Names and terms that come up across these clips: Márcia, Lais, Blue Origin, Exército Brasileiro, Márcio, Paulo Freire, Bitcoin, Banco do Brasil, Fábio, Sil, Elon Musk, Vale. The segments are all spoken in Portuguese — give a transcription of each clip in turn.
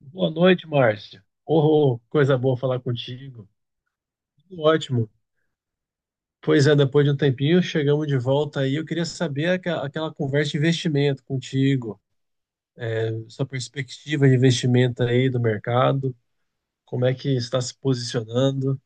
Boa noite, Márcia. Oh, coisa boa falar contigo. Tudo ótimo. Pois é, depois de um tempinho, chegamos de volta aí. Eu queria saber aquela conversa de investimento contigo, sua perspectiva de investimento aí do mercado, como é que está se posicionando.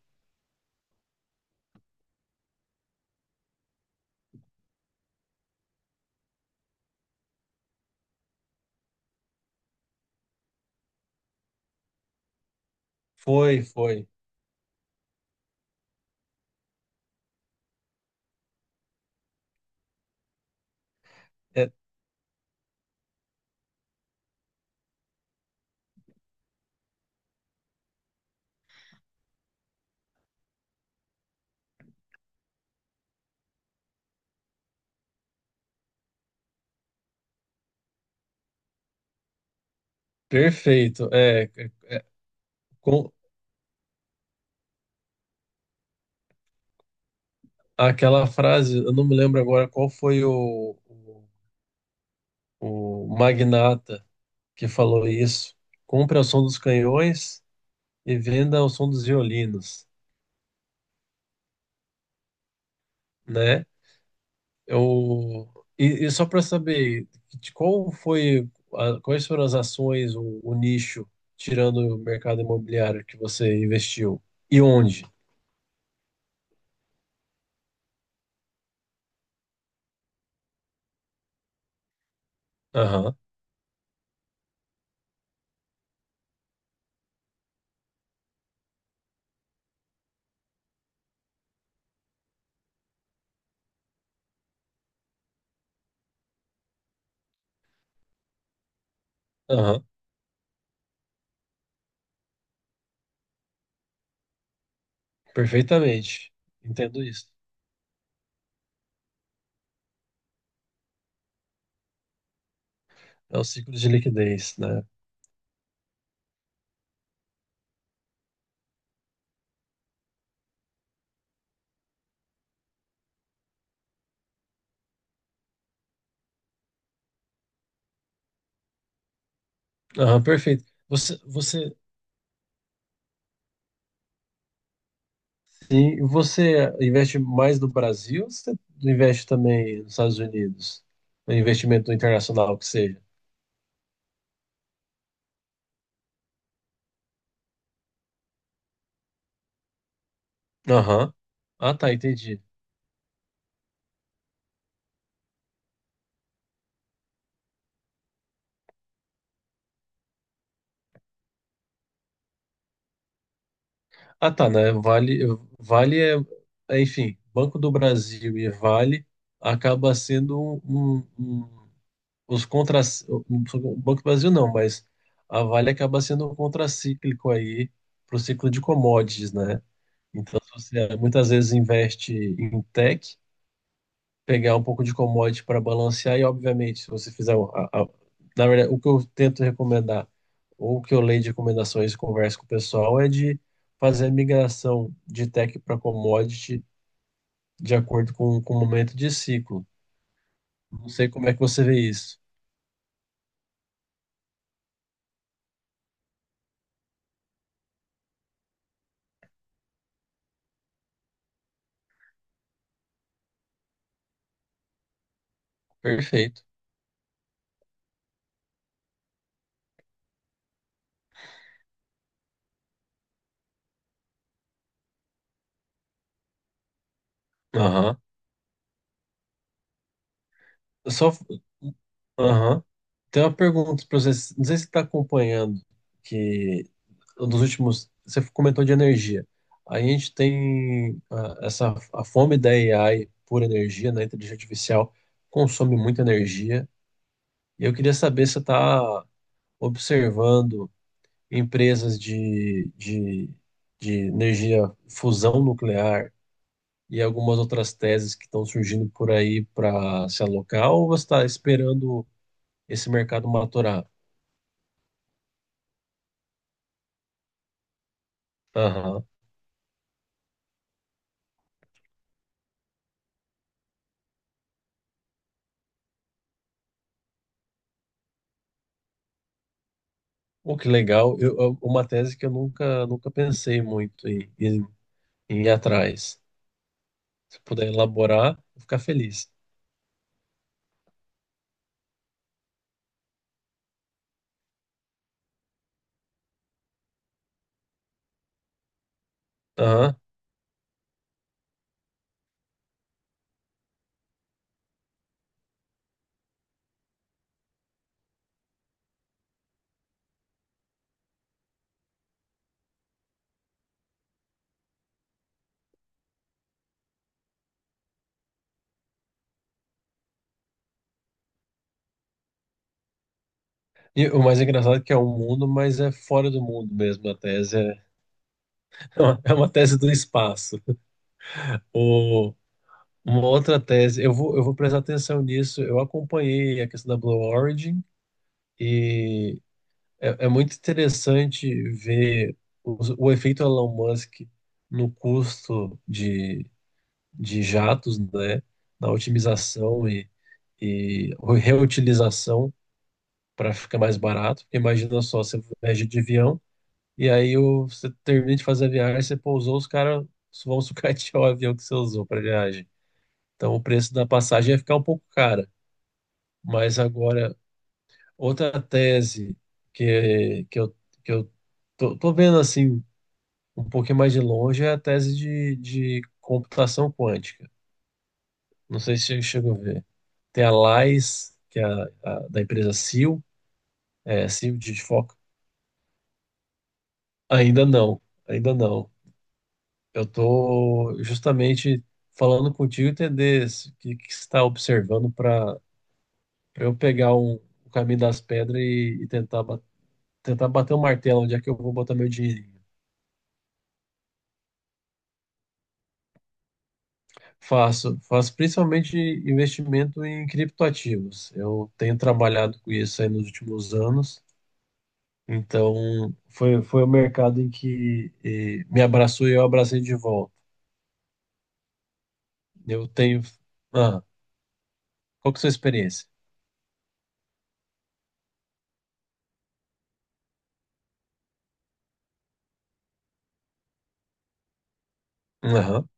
Foi, foi. É perfeito. É, com aquela frase, eu não me lembro agora qual foi o magnata que falou isso. Compre ao som dos canhões e venda ao som dos violinos, né? Eu, e só para saber de qual foi a- quais foram as ações, o nicho, tirando o mercado imobiliário que você investiu e onde? Aham, aham, perfeitamente. Entendo isso. É o ciclo de liquidez, né? Aham, perfeito. Você, sim, você investe mais no Brasil ou você investe também nos Estados Unidos? No investimento internacional que seja? Aham. Ah, tá, entendi. Ah, tá, né? Vale, enfim, Banco do Brasil e Vale acaba sendo um, os contra, o Banco do Brasil não, mas a Vale acaba sendo um contracíclico aí para o ciclo de commodities, né? Então, se você muitas vezes investe em tech, pegar um pouco de commodity para balancear e, obviamente, se você fizer... na verdade, o que eu tento recomendar, ou o que eu leio de recomendações e converso com o pessoal, é de fazer a migração de tech para commodity de acordo com o momento de ciclo. Não sei como é que você vê isso. Perfeito. Aham. Só, Aham. Tem uma pergunta para você. Não sei se você está acompanhando que nos últimos. Você comentou de energia. A gente tem essa a fome da AI por energia, né? Inteligência artificial consome muita energia. E eu queria saber se você está observando empresas de energia fusão nuclear e algumas outras teses que estão surgindo por aí para se alocar, ou você está esperando esse mercado maturar? Aham. Oh, que legal. Uma tese que eu nunca pensei muito em ir atrás. Se puder elaborar, eu vou ficar feliz. Aham. E o mais engraçado é que é um mundo, mas é fora do mundo mesmo. A tese é, é uma tese do espaço. O, uma outra tese, eu vou prestar atenção nisso. Eu acompanhei a questão da Blue Origin e é muito interessante ver o, o efeito Elon Musk no custo de jatos, né, na otimização e reutilização para ficar mais barato. Porque imagina só, você viaja de avião e aí você termina de fazer a viagem, você pousou, os caras vão sucatear o avião que você usou para viagem. Então o preço da passagem ia ficar um pouco cara. Mas agora, outra tese que, que eu, que eu tô vendo assim um pouquinho mais de longe é a tese de computação quântica. Não sei se você chegou a ver. Tem a Lais, que é da empresa Sil, Sil de Foco. Ainda não, ainda não. Eu estou justamente falando contigo entender o que você está observando para eu pegar o caminho das pedras e tentar bater o martelo onde é que eu vou botar meu dinheirinho. Faço, faço principalmente investimento em criptoativos. Eu tenho trabalhado com isso aí nos últimos anos. Então, foi o mercado em que me abraçou e eu abracei de volta. Eu tenho. Ah, qual que é a sua experiência? Aham.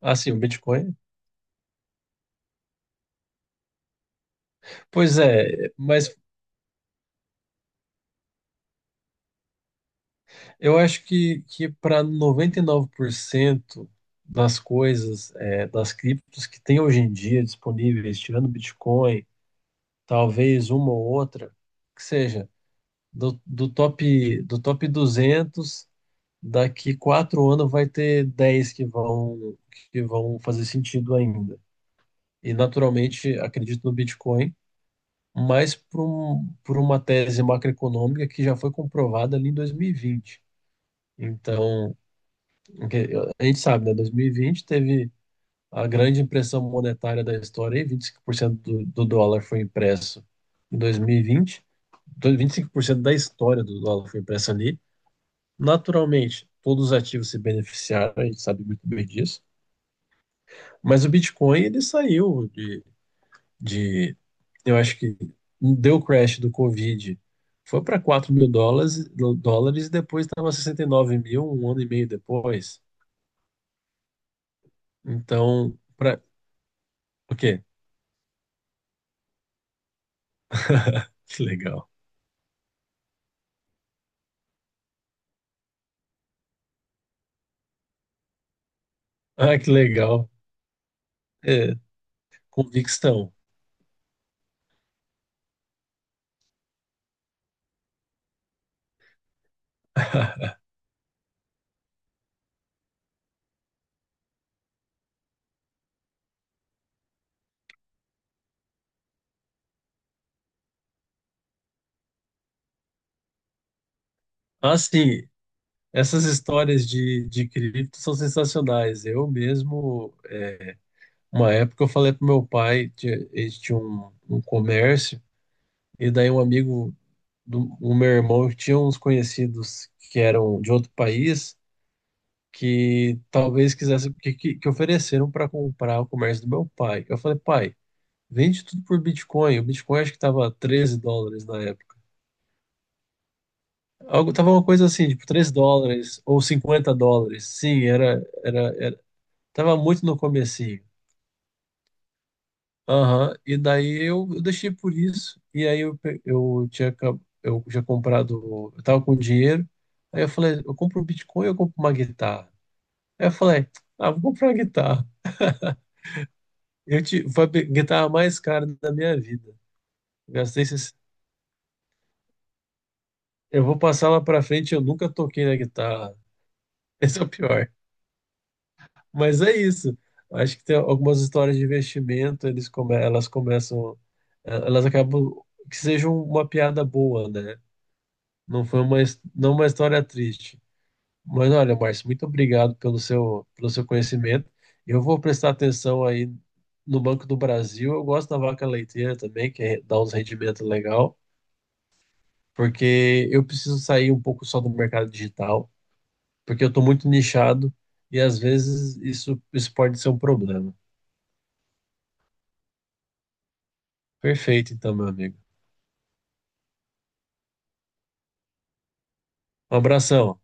Ah, sim, o Bitcoin. Pois é, mas eu acho que para 99% das coisas, das criptos que tem hoje em dia disponíveis, tirando Bitcoin, talvez uma ou outra, que seja do top 200 daqui 4 anos vai ter 10 que vão fazer sentido ainda. E naturalmente acredito no Bitcoin, mas por uma tese macroeconômica que já foi comprovada ali em 2020. Então, que- a gente sabe, né? 2020 teve a grande impressão monetária da história, e 25% do dólar foi impresso em 2020. 25% da história do dólar foi impressa ali. Naturalmente, todos os ativos se beneficiaram, a gente sabe muito bem disso. Mas o Bitcoin, ele saiu de eu acho que deu o crash do Covid, foi para 4 mil dólares, e depois estava 69.000 um ano e meio depois. Então, para o quê? Que legal. Ah, que legal. É, convicção. Assim, essas histórias de cripto são sensacionais. Eu mesmo, uma época eu falei pro meu pai, ele tinha um comércio, e daí um amigo o meu irmão tinha uns conhecidos que eram de outro país que talvez quisessem, que ofereceram para comprar o comércio do meu pai. Eu falei, pai, vende tudo por Bitcoin. O Bitcoin acho que estava US$ 13 na época. Algo, tava uma coisa assim, tipo US$ 13 ou US$ 50. Sim, era, tava muito no começo. Aham, e daí eu deixei por isso. E aí eu, pe- eu tinha acab- eu já comprado, eu tava com dinheiro. Aí eu falei, eu compro um Bitcoin ou eu compro uma guitarra? Aí eu falei, vou comprar uma guitarra. Foi a guitarra mais cara da minha vida. Gastei esses, eu vou passar lá pra frente, eu nunca toquei na guitarra. Esse é o pior. Mas é isso. Acho que tem algumas histórias de investimento, elas começam, elas acabam que sejam uma piada boa, né? Não foi uma, não uma história triste. Mas olha, Márcio, muito obrigado pelo seu conhecimento. Eu vou prestar atenção aí no Banco do Brasil. Eu gosto da vaca leiteira também, que é- dá uns rendimentos legal, porque eu preciso sair um pouco só do mercado digital, porque eu estou muito nichado e às vezes isso pode ser um problema. Perfeito, então, meu amigo. Um abração.